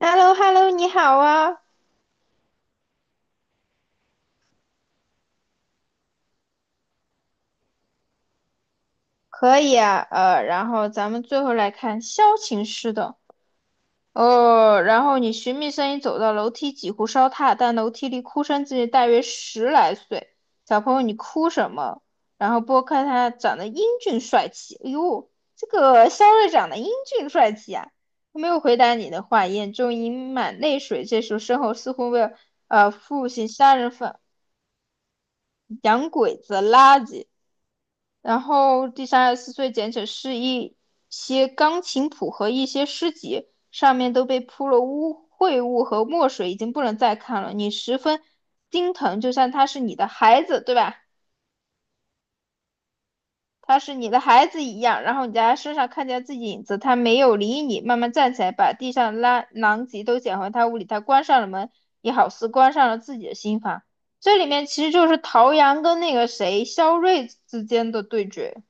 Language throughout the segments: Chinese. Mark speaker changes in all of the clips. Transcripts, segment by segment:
Speaker 1: h e l l o h e l l o 你好啊。可以啊，然后咱们最后来看萧琴师的。哦，然后你寻觅声音走到楼梯，几乎烧塌，但楼梯里哭声距离大约十来岁。小朋友，你哭什么？然后拨开他长得英俊帅气，哎呦，这个肖瑞长得英俊帅气啊！他没有回答你的话，眼中盈满泪水。这时候身后似乎为父亲杀人犯、洋鬼子、垃圾。然后第三十四岁简史是一些钢琴谱和一些诗集，上面都被铺了污秽物和墨水，已经不能再看了。你十分心疼，就像他是你的孩子，对吧？他是你的孩子一样。然后你在他身上看见自己影子，他没有理你，慢慢站起来，把地上拉狼藉都捡回他屋里。他关上了门，也好似关上了自己的心房。这里面其实就是陶阳跟那个谁肖瑞之间的对决。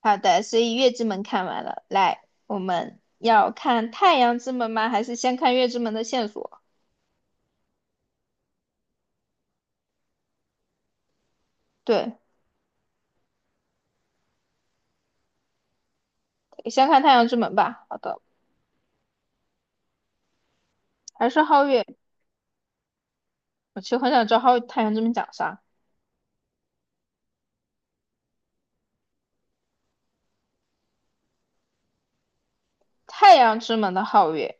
Speaker 1: 好的，所以月之门看完了，来，我们要看太阳之门吗？还是先看月之门的线索？对，先看太阳之门吧。好的，还是皓月。我其实很想知道皓太阳之门讲啥。太阳之门的皓月，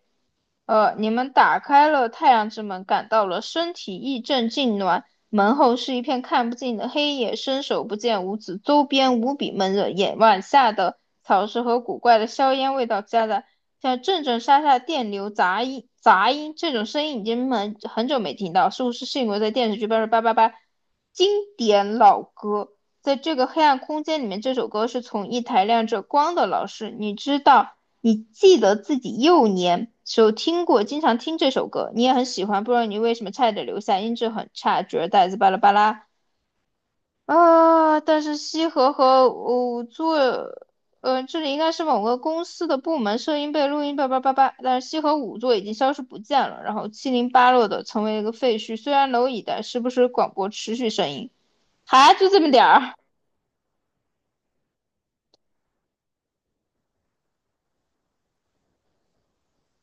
Speaker 1: 你们打开了太阳之门，感到了身体一阵痉挛。门后是一片看不尽的黑夜，伸手不见五指，周边无比闷热，眼晚下的草湿和古怪的硝烟味道夹杂，像阵阵沙沙电流杂音。杂音这种声音已经很久没听到，似乎是幸亏在电视剧《八八八八》经典老歌。在这个黑暗空间里面，这首歌是从一台亮着光的老师，你知道，你记得自己幼年时候听过，经常听这首歌，你也很喜欢，不知道你为什么差点留下，音质很差，觉得带子巴拉巴拉啊。但是西河和五座，做这里应该是某个公司的部门，声音被录音叭叭叭叭，但是西河五座已经消失不见了，然后七零八落的成为一个废墟，虽然蝼蚁的时不时广播持续声音，还就这么点儿。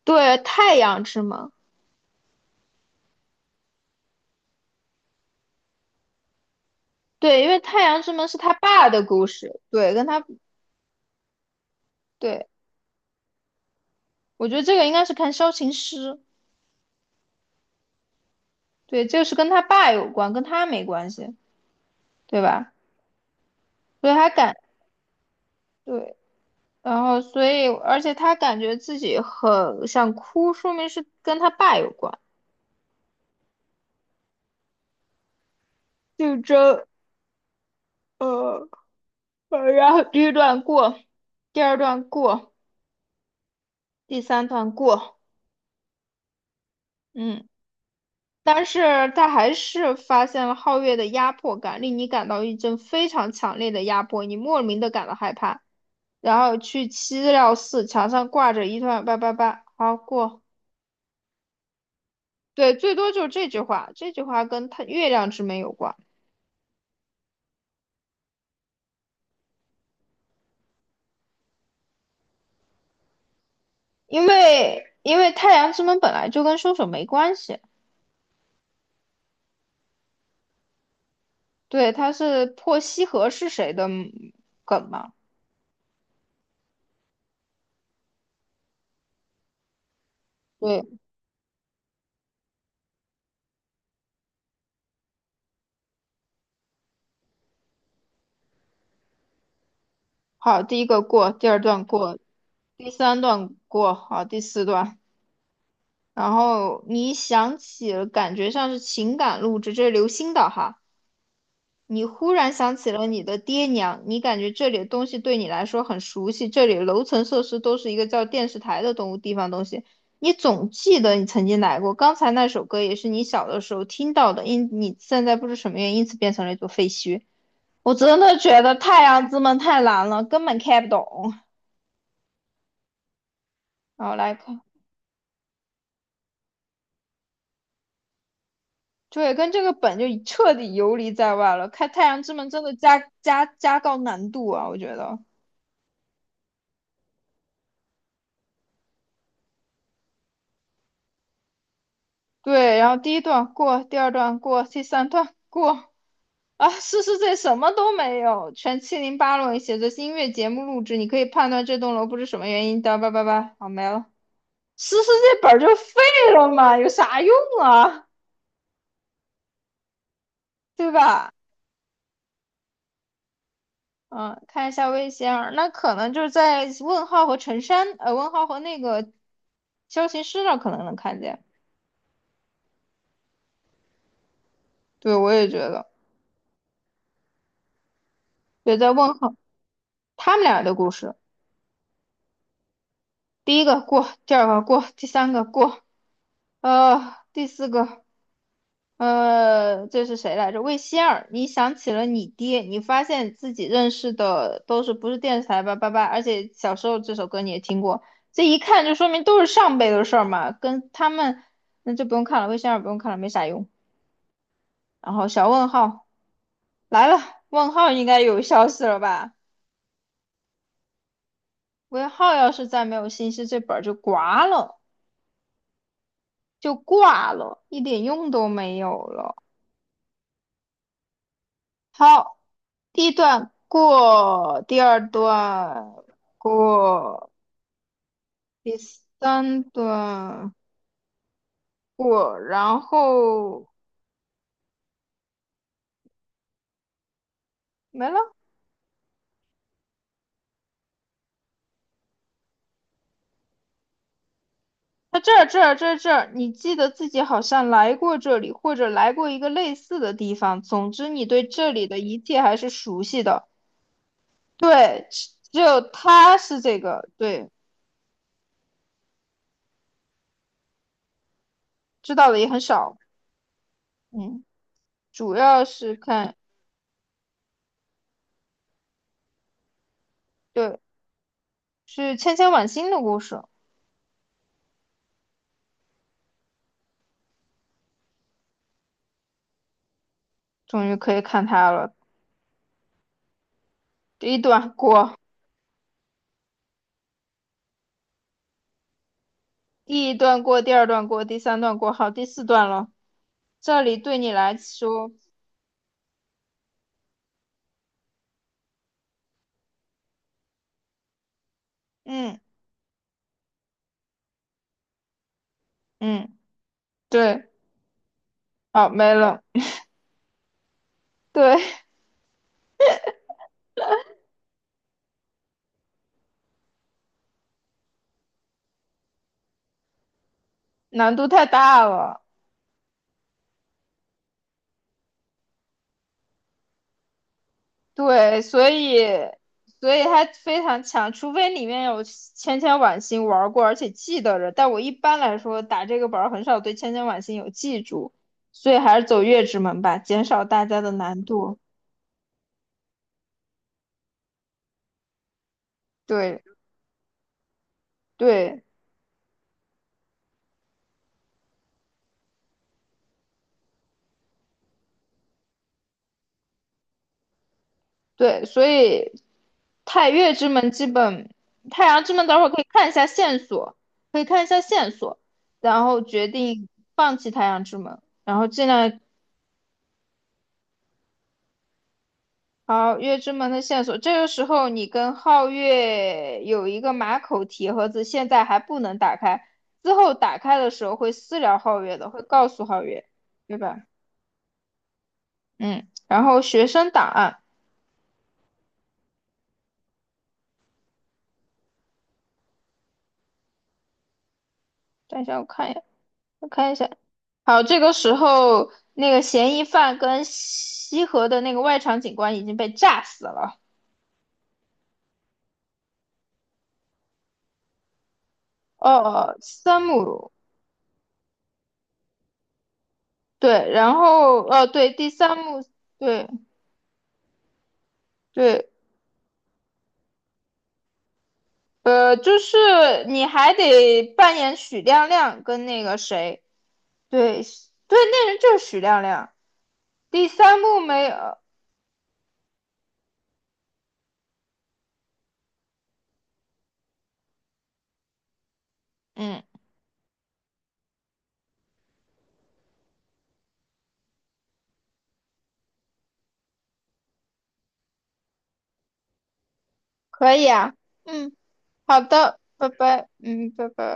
Speaker 1: 对，太阳之门。对，因为太阳之门是他爸的故事，对，跟他，对，我觉得这个应该是看萧琴师，对，这个是跟他爸有关，跟他没关系，对吧？所以他感，对，然后所以，而且他感觉自己很想哭，说明是跟他爸有关，就这，呃，然后第一段过，第二段过，第三段过，嗯。但是他还是发现了皓月的压迫感，令你感到一阵非常强烈的压迫，你莫名的感到害怕。然后去七料寺，墙上挂着一段八八八，好过。对，最多就是这句话，这句话跟他月亮之门有关，因为太阳之门本来就跟凶手没关系，对，它是破西河是谁的梗嘛？对，好，第一个过，第二段过，第三段过，好，第四段。然后你一想起了，感觉像是情感录制，这是刘星的哈。你忽然想起了你的爹娘，你感觉这里的东西对你来说很熟悉，这里的楼层设施都是一个叫电视台的东地方东西。你总记得你曾经来过，刚才那首歌也是你小的时候听到的，因你现在不知什么原因，因此变成了一座废墟。我真的觉得《太阳之门》太难了，根本看不懂。然后来看。对，跟这个本就彻底游离在外了。开太阳之门真的加高难度啊，我觉得。对，然后第一段过，第二段过，第三段过啊，诗诗这什么都没有，全七零八落，写着音乐节目录制，你可以判断这栋楼不知什么原因的，叭叭叭，好没了。诗诗这本儿就废了嘛，有啥用啊？对吧？嗯，看一下魏仙儿，那可能就是在问号和陈山，问号和那个萧琴师那儿可能能看见。对，我也觉得，也在问候他们俩的故事。第一个过，第二个过，第三个过，第四个，这是谁来着？魏仙儿，你想起了你爹，你发现自己认识的都是不是电视台吧，八八，而且小时候这首歌你也听过，这一看就说明都是上辈的事儿嘛，跟他们那就不用看了，魏仙儿不用看了，没啥用。然后小问号来了，问号应该有消息了吧？问号要是再没有信息，这本儿就挂了。就挂了，一点用都没有了。好，第一段过，第二段过，第三段过，然后没了。它这儿，你记得自己好像来过这里，或者来过一个类似的地方。总之，你对这里的一切还是熟悉的。对，只有他是这个，对，知道的也很少。嗯，主要是看。对。是千千晚星的故事，终于可以看它了。第一段过，第一段过第二段过，第三段过，好，第四段了。这里对你来说，嗯嗯，对，好没了，对，难度太大了，对，所以它非常强，除非里面有千千晚星玩过，而且记得着。但我一般来说打这个本儿很少对千千晚星有记住，所以还是走月之门吧，减少大家的难度。对对。对，所以太岳之门基本，太阳之门等会儿可以看一下线索，可以看一下线索，然后决定放弃太阳之门，然后尽量好月之门的线索。这个时候你跟皓月有一个马口铁盒子，现在还不能打开，之后打开的时候会私聊皓月的，会告诉皓月，对吧？嗯，然后学生档案，等一下我看一下，我看一下，好，这个时候那个嫌疑犯跟西河的那个外场警官已经被炸死了。哦，三幕，对，然后对，第三幕，对对,就是你还得扮演许亮亮跟那个谁，对对,那人就是许亮亮。第三幕没有，嗯，可以啊，嗯，好的，拜拜，嗯，拜拜。